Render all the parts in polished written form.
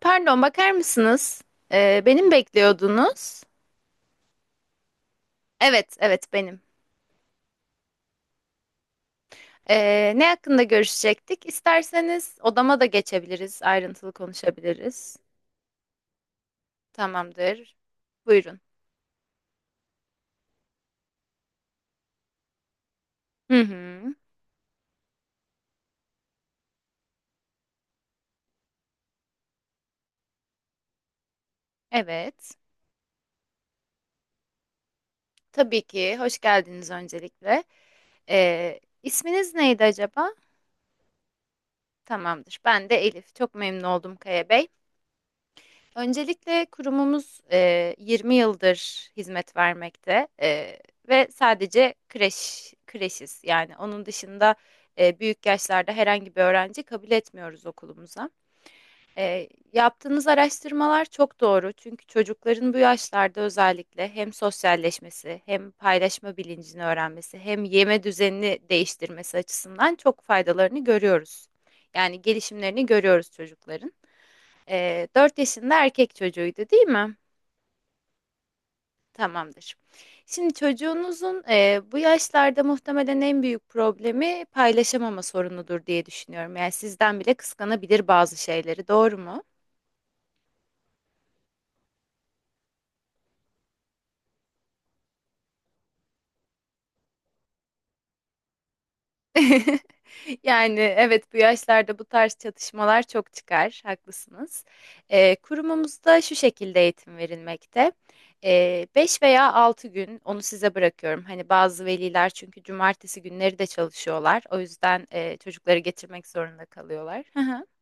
Pardon, bakar mısınız? Beni mi bekliyordunuz? Evet, evet benim. Ne hakkında görüşecektik? İsterseniz odama da geçebiliriz, ayrıntılı konuşabiliriz. Tamamdır. Buyurun. Hı hı. Evet. Tabii ki. Hoş geldiniz öncelikle. İsminiz neydi acaba? Tamamdır. Ben de Elif. Çok memnun oldum Kaya Bey. Öncelikle kurumumuz 20 yıldır hizmet vermekte ve sadece kreş kreşiz. Yani onun dışında büyük yaşlarda herhangi bir öğrenci kabul etmiyoruz okulumuza. Yaptığınız araştırmalar çok doğru çünkü çocukların bu yaşlarda özellikle hem sosyalleşmesi hem paylaşma bilincini öğrenmesi hem yeme düzenini değiştirmesi açısından çok faydalarını görüyoruz. Yani gelişimlerini görüyoruz çocukların. 4 yaşında erkek çocuğuydu değil mi? Tamamdır. Şimdi çocuğunuzun bu yaşlarda muhtemelen en büyük problemi paylaşamama sorunudur diye düşünüyorum. Yani sizden bile kıskanabilir bazı şeyleri, doğru mu? Yani evet bu yaşlarda bu tarz çatışmalar çok çıkar, haklısınız. Kurumumuzda şu şekilde eğitim verilmekte. 5 veya 6 gün onu size bırakıyorum. Hani bazı veliler çünkü cumartesi günleri de çalışıyorlar. O yüzden çocukları getirmek zorunda kalıyorlar.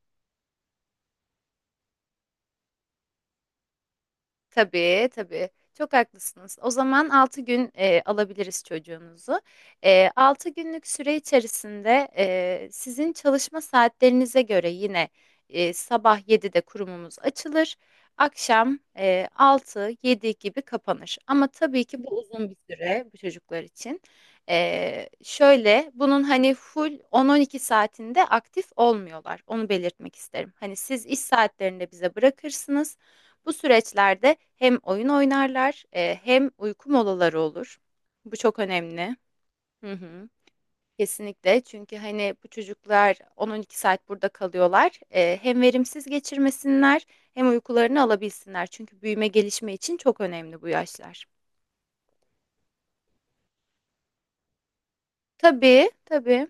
Tabii, tabii. Çok haklısınız. O zaman 6 gün alabiliriz çocuğunuzu. 6 günlük süre içerisinde sizin çalışma saatlerinize göre yine sabah 7'de kurumumuz açılır. Akşam 6-7 gibi kapanır. Ama tabii ki bu uzun bir süre bu çocuklar için. Şöyle bunun hani full 10-12 saatinde aktif olmuyorlar. Onu belirtmek isterim. Hani siz iş saatlerinde bize bırakırsınız. Bu süreçlerde hem oyun oynarlar, hem uyku molaları olur. Bu çok önemli. Hı hı. Kesinlikle çünkü, hani, bu çocuklar 10-12 saat burada kalıyorlar. Hem verimsiz geçirmesinler hem uykularını alabilsinler. Çünkü büyüme gelişme için çok önemli bu yaşlar. Tabii, tabii.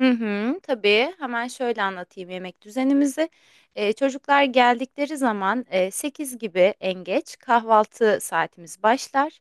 Hı hı, tabii. Hemen şöyle anlatayım yemek düzenimizi. Çocuklar geldikleri zaman 8 gibi en geç kahvaltı saatimiz başlar.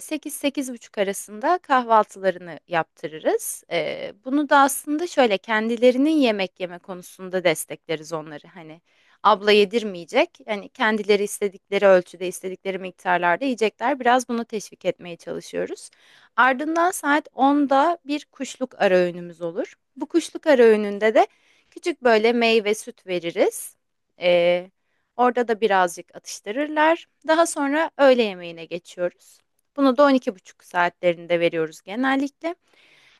Sekiz sekiz buçuk arasında kahvaltılarını yaptırırız. Bunu da aslında şöyle kendilerinin yemek yeme konusunda destekleriz onları. Hani abla yedirmeyecek. Hani kendileri istedikleri ölçüde, istedikleri miktarlarda yiyecekler. Biraz bunu teşvik etmeye çalışıyoruz. Ardından saat 10'da bir kuşluk ara öğünümüz olur. Bu kuşluk ara öğününde de küçük böyle meyve süt veririz. Ee, orada da birazcık atıştırırlar. Daha sonra öğle yemeğine geçiyoruz. Bunu da 12.30 saatlerinde veriyoruz genellikle.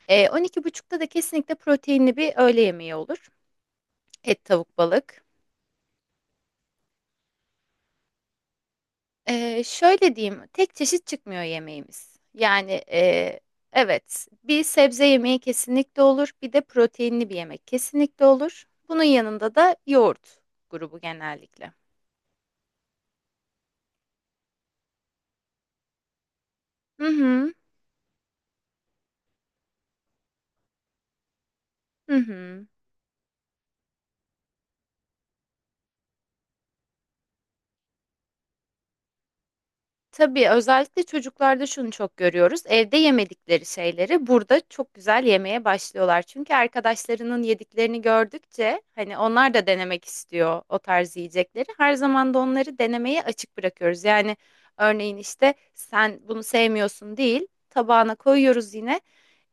On iki buçukta da kesinlikle proteinli bir öğle yemeği olur. Et, tavuk, balık. Şöyle diyeyim, tek çeşit çıkmıyor yemeğimiz. Yani evet, bir sebze yemeği kesinlikle olur, bir de proteinli bir yemek kesinlikle olur. Bunun yanında da yoğurt grubu genellikle. Hı hı, hı hı. Tabii özellikle çocuklarda şunu çok görüyoruz. Evde yemedikleri şeyleri burada çok güzel yemeye başlıyorlar. Çünkü arkadaşlarının yediklerini gördükçe hani onlar da denemek istiyor o tarz yiyecekleri. Her zaman da onları denemeye açık bırakıyoruz. Yani örneğin işte sen bunu sevmiyorsun değil, tabağına koyuyoruz yine.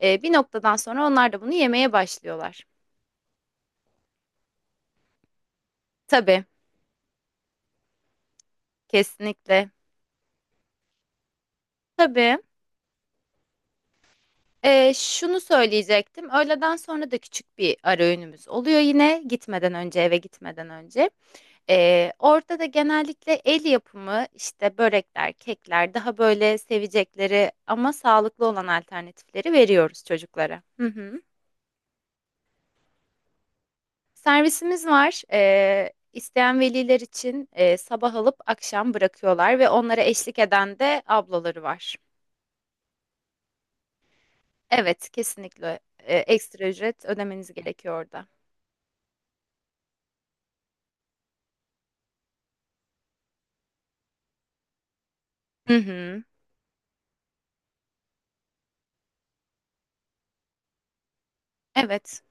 Bir noktadan sonra onlar da bunu yemeye başlıyorlar. Tabii, kesinlikle. Tabii. Şunu söyleyecektim. Öğleden sonra da küçük bir ara öğünümüz oluyor yine gitmeden önce eve gitmeden önce. Orada da genellikle el yapımı işte börekler, kekler daha böyle sevecekleri ama sağlıklı olan alternatifleri veriyoruz çocuklara. Hı hı. Servisimiz var. İsteyen veliler için sabah alıp akşam bırakıyorlar ve onlara eşlik eden de ablaları var. Evet, kesinlikle ekstra ücret ödemeniz gerekiyor orada. Hı hı. Evet.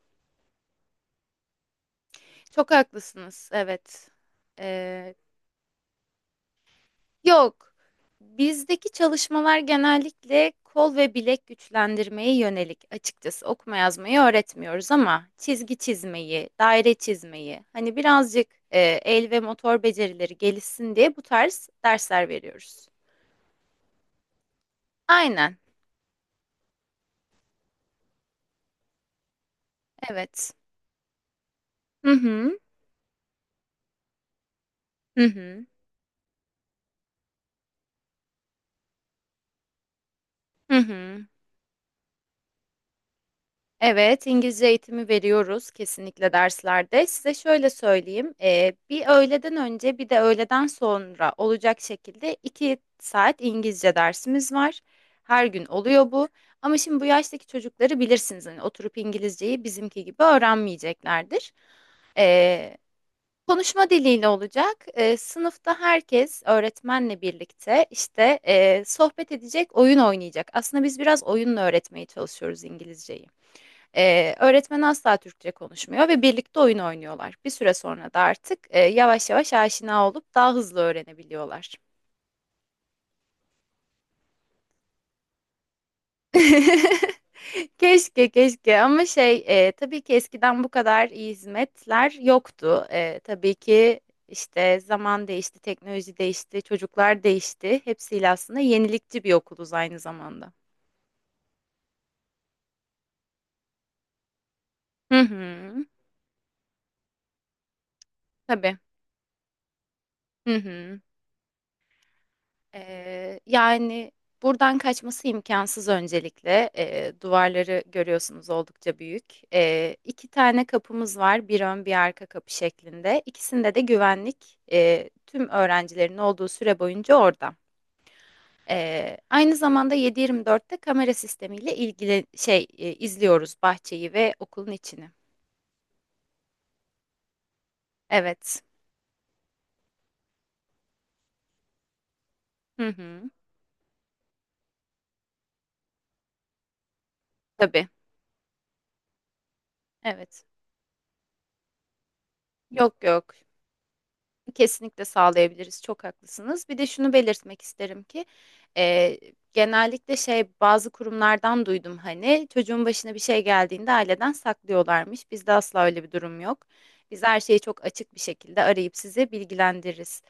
Çok haklısınız. Evet. Ee, yok. Bizdeki çalışmalar genellikle kol ve bilek güçlendirmeye yönelik. Açıkçası okuma yazmayı öğretmiyoruz ama çizgi çizmeyi, daire çizmeyi, hani birazcık el ve motor becerileri gelişsin diye bu tarz dersler veriyoruz. Aynen. Evet. Hı hı. Hı hı. Hı hı. Evet, İngilizce eğitimi veriyoruz kesinlikle derslerde. Size şöyle söyleyeyim, bir öğleden önce bir de öğleden sonra olacak şekilde 2 saat İngilizce dersimiz var. Her gün oluyor bu. Ama şimdi bu yaştaki çocukları bilirsiniz, hani oturup İngilizceyi bizimki gibi öğrenmeyeceklerdir. Eee, konuşma diliyle olacak. Sınıfta herkes öğretmenle birlikte işte sohbet edecek, oyun oynayacak. Aslında biz biraz oyunla öğretmeye çalışıyoruz İngilizceyi. Öğretmen asla Türkçe konuşmuyor ve birlikte oyun oynuyorlar. Bir süre sonra da artık yavaş yavaş aşina olup daha hızlı öğrenebiliyorlar. Keşke keşke ama tabii ki eskiden bu kadar iyi hizmetler yoktu. Tabii ki işte zaman değişti, teknoloji değişti, çocuklar değişti. Hepsiyle aslında yenilikçi bir okuluz aynı zamanda. Hı hı. Tabii. Hı hı. Yani buradan kaçması imkansız öncelikle. Duvarları görüyorsunuz oldukça büyük. İki tane kapımız var, bir ön bir arka kapı şeklinde. İkisinde de güvenlik tüm öğrencilerin olduğu süre boyunca orada. Aynı zamanda 7/24'te kamera sistemiyle ilgili izliyoruz bahçeyi ve okulun içini. Evet. Hı hı. Tabii. Evet. Yok yok. Kesinlikle sağlayabiliriz. Çok haklısınız. Bir de şunu belirtmek isterim ki e, genellikle bazı kurumlardan duydum hani çocuğun başına bir şey geldiğinde aileden saklıyorlarmış. Bizde asla öyle bir durum yok. Biz her şeyi çok açık bir şekilde arayıp sizi bilgilendiririz.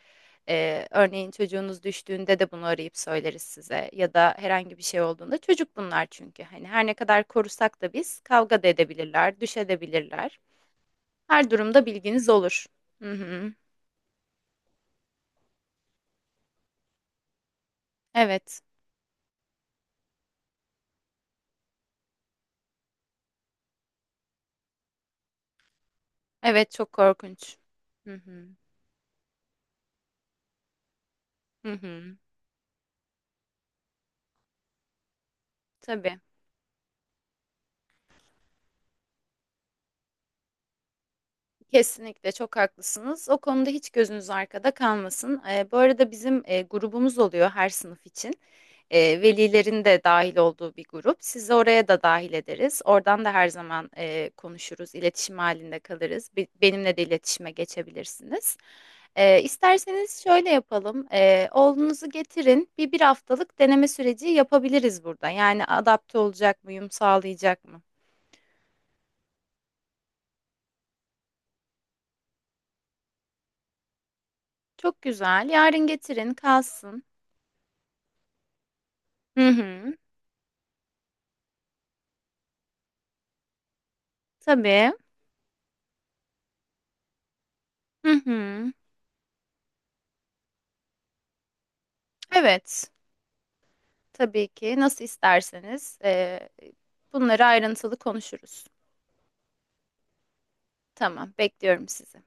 Örneğin çocuğunuz düştüğünde de bunu arayıp söyleriz size ya da herhangi bir şey olduğunda çocuk bunlar çünkü hani her ne kadar korusak da biz kavga da edebilirler, düşebilirler. Her durumda bilginiz olur. Hı hı. Evet. Evet çok korkunç. Hı hı. Hı hı. Tabii. Kesinlikle çok haklısınız. O konuda hiç gözünüz arkada kalmasın. Bu arada bizim grubumuz oluyor her sınıf için. Velilerin de dahil olduğu bir grup. Sizi oraya da dahil ederiz. Oradan da her zaman konuşuruz, iletişim halinde kalırız. Benimle de iletişime geçebilirsiniz. İsterseniz şöyle yapalım. Oğlunuzu getirin. Bir haftalık deneme süreci yapabiliriz burada. Yani adapte olacak mı, uyum sağlayacak mı? Çok güzel. Yarın getirin, kalsın. Hı hı. Tabii. Hı hı. Evet. Tabii ki. Nasıl isterseniz. Bunları ayrıntılı konuşuruz. Tamam, bekliyorum sizi.